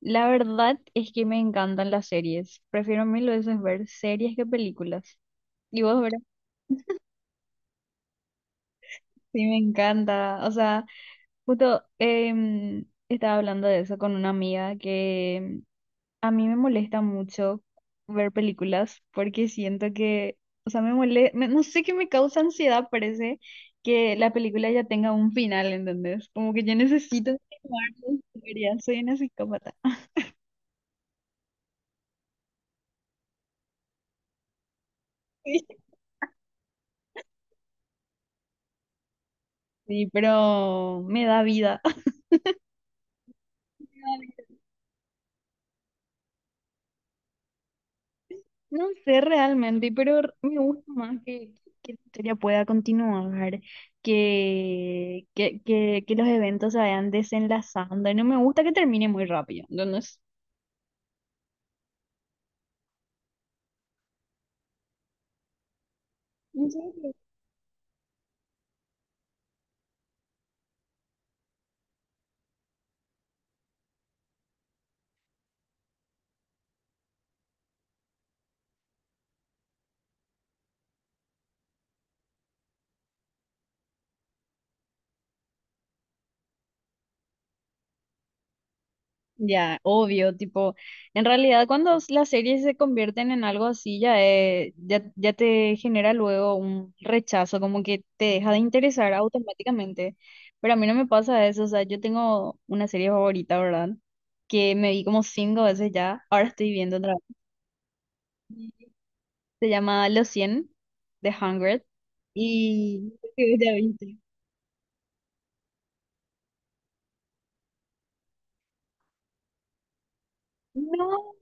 La verdad es que me encantan las series. Prefiero mil veces ver series que películas. Y vos, ¿verdad? Sí, me encanta. O sea, justo estaba hablando de eso con una amiga que a mí me molesta mucho ver películas porque siento que, o sea, me molesta, no sé qué me causa ansiedad, parece que la película ya tenga un final, ¿entendés? Como que yo necesito continuar la historia, soy una psicópata. Sí, pero me da vida. No sé realmente, pero me gusta más que la historia pueda continuar, que los eventos se vayan desenlazando, y no me gusta que termine muy rápido. Entonces, ya, obvio, tipo, en realidad cuando las series se convierten en algo así, ya, te genera luego un rechazo, como que te deja de interesar automáticamente. Pero a mí no me pasa eso, o sea, yo tengo una serie favorita, ¿verdad? Que me vi como cinco veces ya, ahora estoy viendo otra vez. Se llama Los cien, The hundred, y ya viste. No,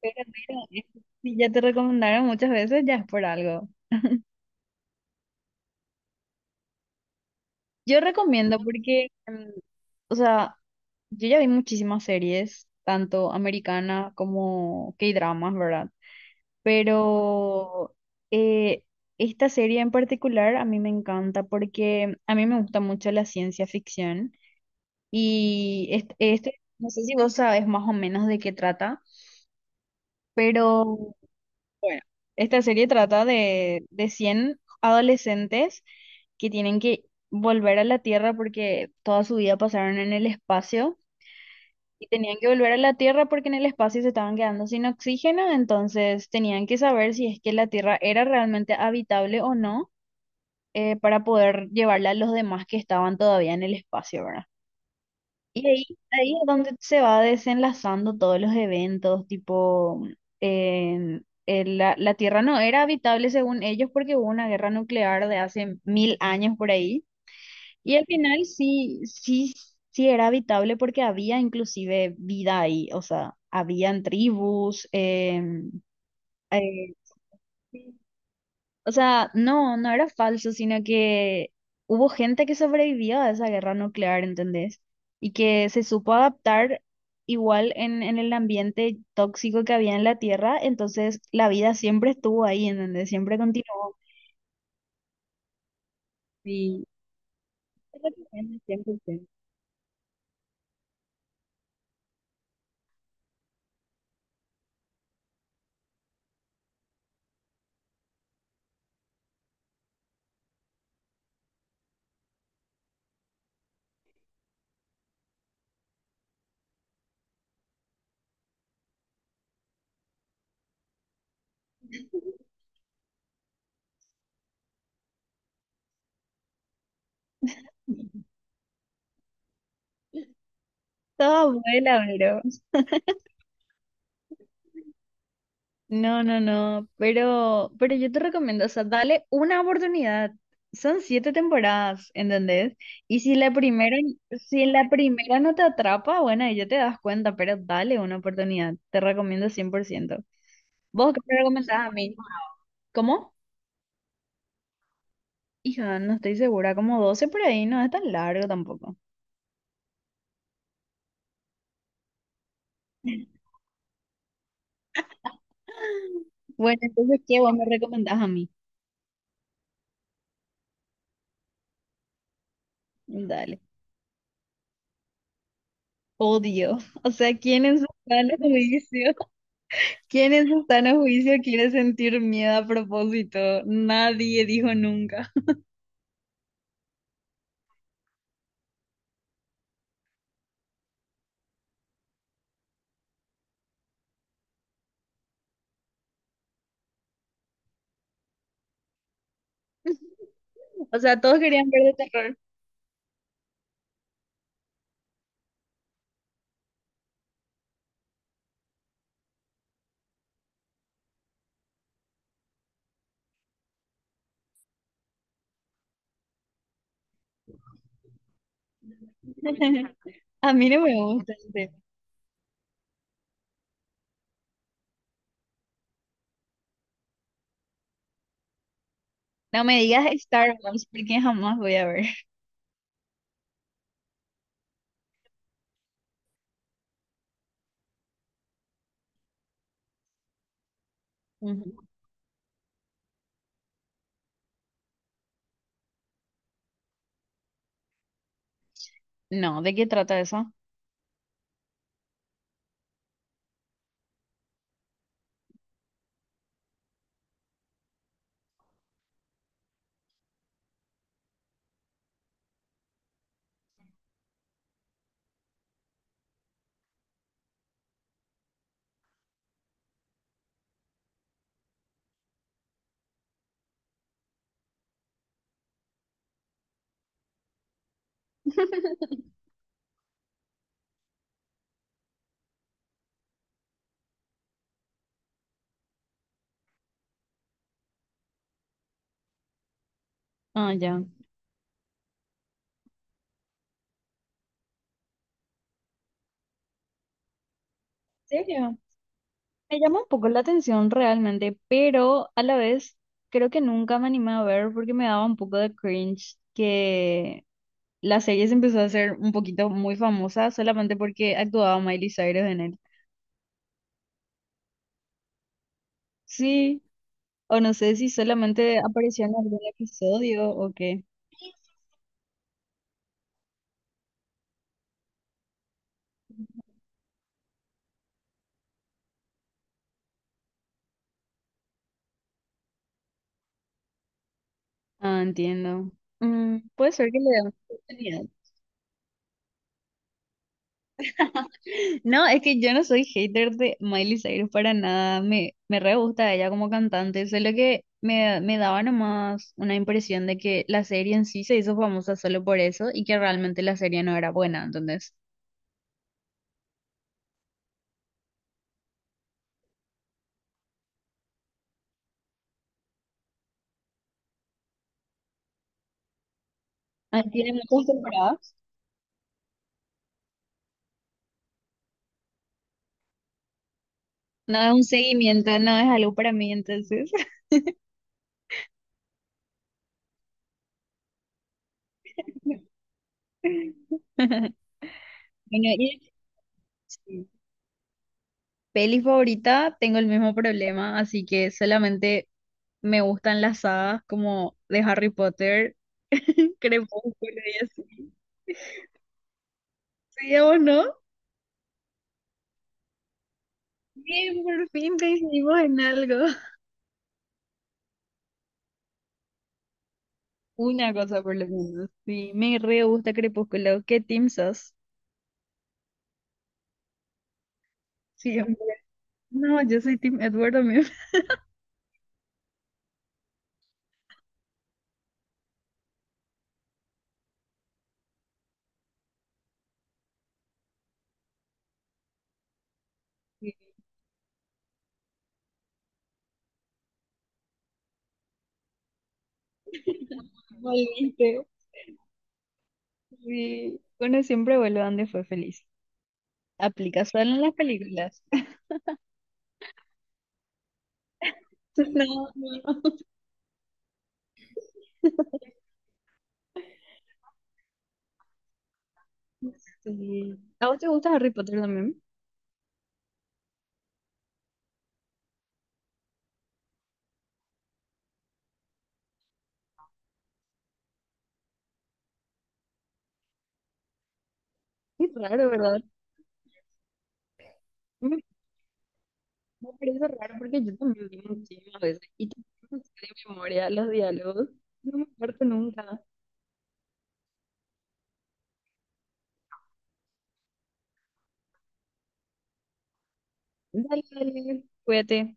pero mira, si ya te recomendaron muchas veces, ya es por algo. Yo recomiendo porque, o sea, yo ya vi muchísimas series, tanto americana como K-dramas, ¿verdad? Pero eh, esta serie en particular a mí me encanta porque a mí me gusta mucho la ciencia ficción y este, no sé si vos sabes más o menos de qué trata, pero bueno, esta serie trata de 100 adolescentes que tienen que volver a la Tierra porque toda su vida pasaron en el espacio y tenían que volver a la Tierra porque en el espacio se estaban quedando sin oxígeno, entonces tenían que saber si es que la Tierra era realmente habitable o no, para poder llevarla a los demás que estaban todavía en el espacio, ¿verdad? Y ahí, ahí es donde se va desenlazando todos los eventos, tipo, en la Tierra no era habitable según ellos porque hubo una guerra nuclear de hace mil años por ahí. Y al final sí, era habitable porque había inclusive vida ahí, o sea, habían tribus, eh, o sea, no, no era falso, sino que hubo gente que sobrevivió a esa guerra nuclear, ¿entendés? Y que se supo adaptar igual en el ambiente tóxico que había en la Tierra, entonces la vida siempre estuvo ahí, ¿entendés? Siempre continuó. Sí, es lo que pienso 100%. Toda abuela, bro. No, no, no, pero yo te recomiendo, o sea, dale una oportunidad. Son siete temporadas, ¿entendés? Y si la primera no te atrapa, bueno, ahí ya te das cuenta, pero dale una oportunidad. Te recomiendo 100%. ¿Vos qué me recomendás a mí? ¿Cómo? Hija, no estoy segura, como 12 por ahí, no es tan largo tampoco. Bueno, entonces, ¿qué vos me recomendás a mí? Dale. Odio. O sea, ¿quién en su sano juicio? ¿Quiénes están a juicio quiere sentir miedo a propósito? Nadie dijo nunca. O sea, todos querían ver de terror. A mí no me gusta ese. No me digas Star Wars porque jamás voy a ver. Ujú. No, ¿de qué trata eso? Ah, ya. ¿En serio? Me llama un poco la atención realmente, pero a la vez creo que nunca me animé a ver porque me daba un poco de cringe que la serie se empezó a hacer un poquito muy famosa solamente porque actuaba Miley Cyrus en él. Sí, o no sé si solamente apareció en algún episodio o qué. Ah, entiendo. Mm, puede ser que le dé una oportunidad. No, es que yo no soy hater de Miley Cyrus para nada. Me re gusta ella como cantante. Solo que me daba nomás una impresión de que la serie en sí se hizo famosa solo por eso y que realmente la serie no era buena. Entonces, ah, tiene muchas temporadas. No es un seguimiento, no es algo para mí. Entonces, bueno, y. Peli favorita, tengo el mismo problema, así que solamente me gustan las sagas como de Harry Potter, Crepúsculo y así. Sí, ¿a vos no? Bien, por fin coincidimos en algo. Una cosa por lo menos. Sí, me re gusta Crepúsculo. ¿Qué team sos? Siempre. No, yo soy team Edward también. Sí. Volviste. Sí. Bueno, siempre vuelve donde fue feliz. Aplica solo en las películas. No, no. Sí. ¿A vos te gusta Harry Potter también? Es raro, ¿verdad? Me, me parece raro porque yo también vi muchísimas veces y tampoco sé de memoria los diálogos. No me acuerdo nunca. Dale, dale, cuídate.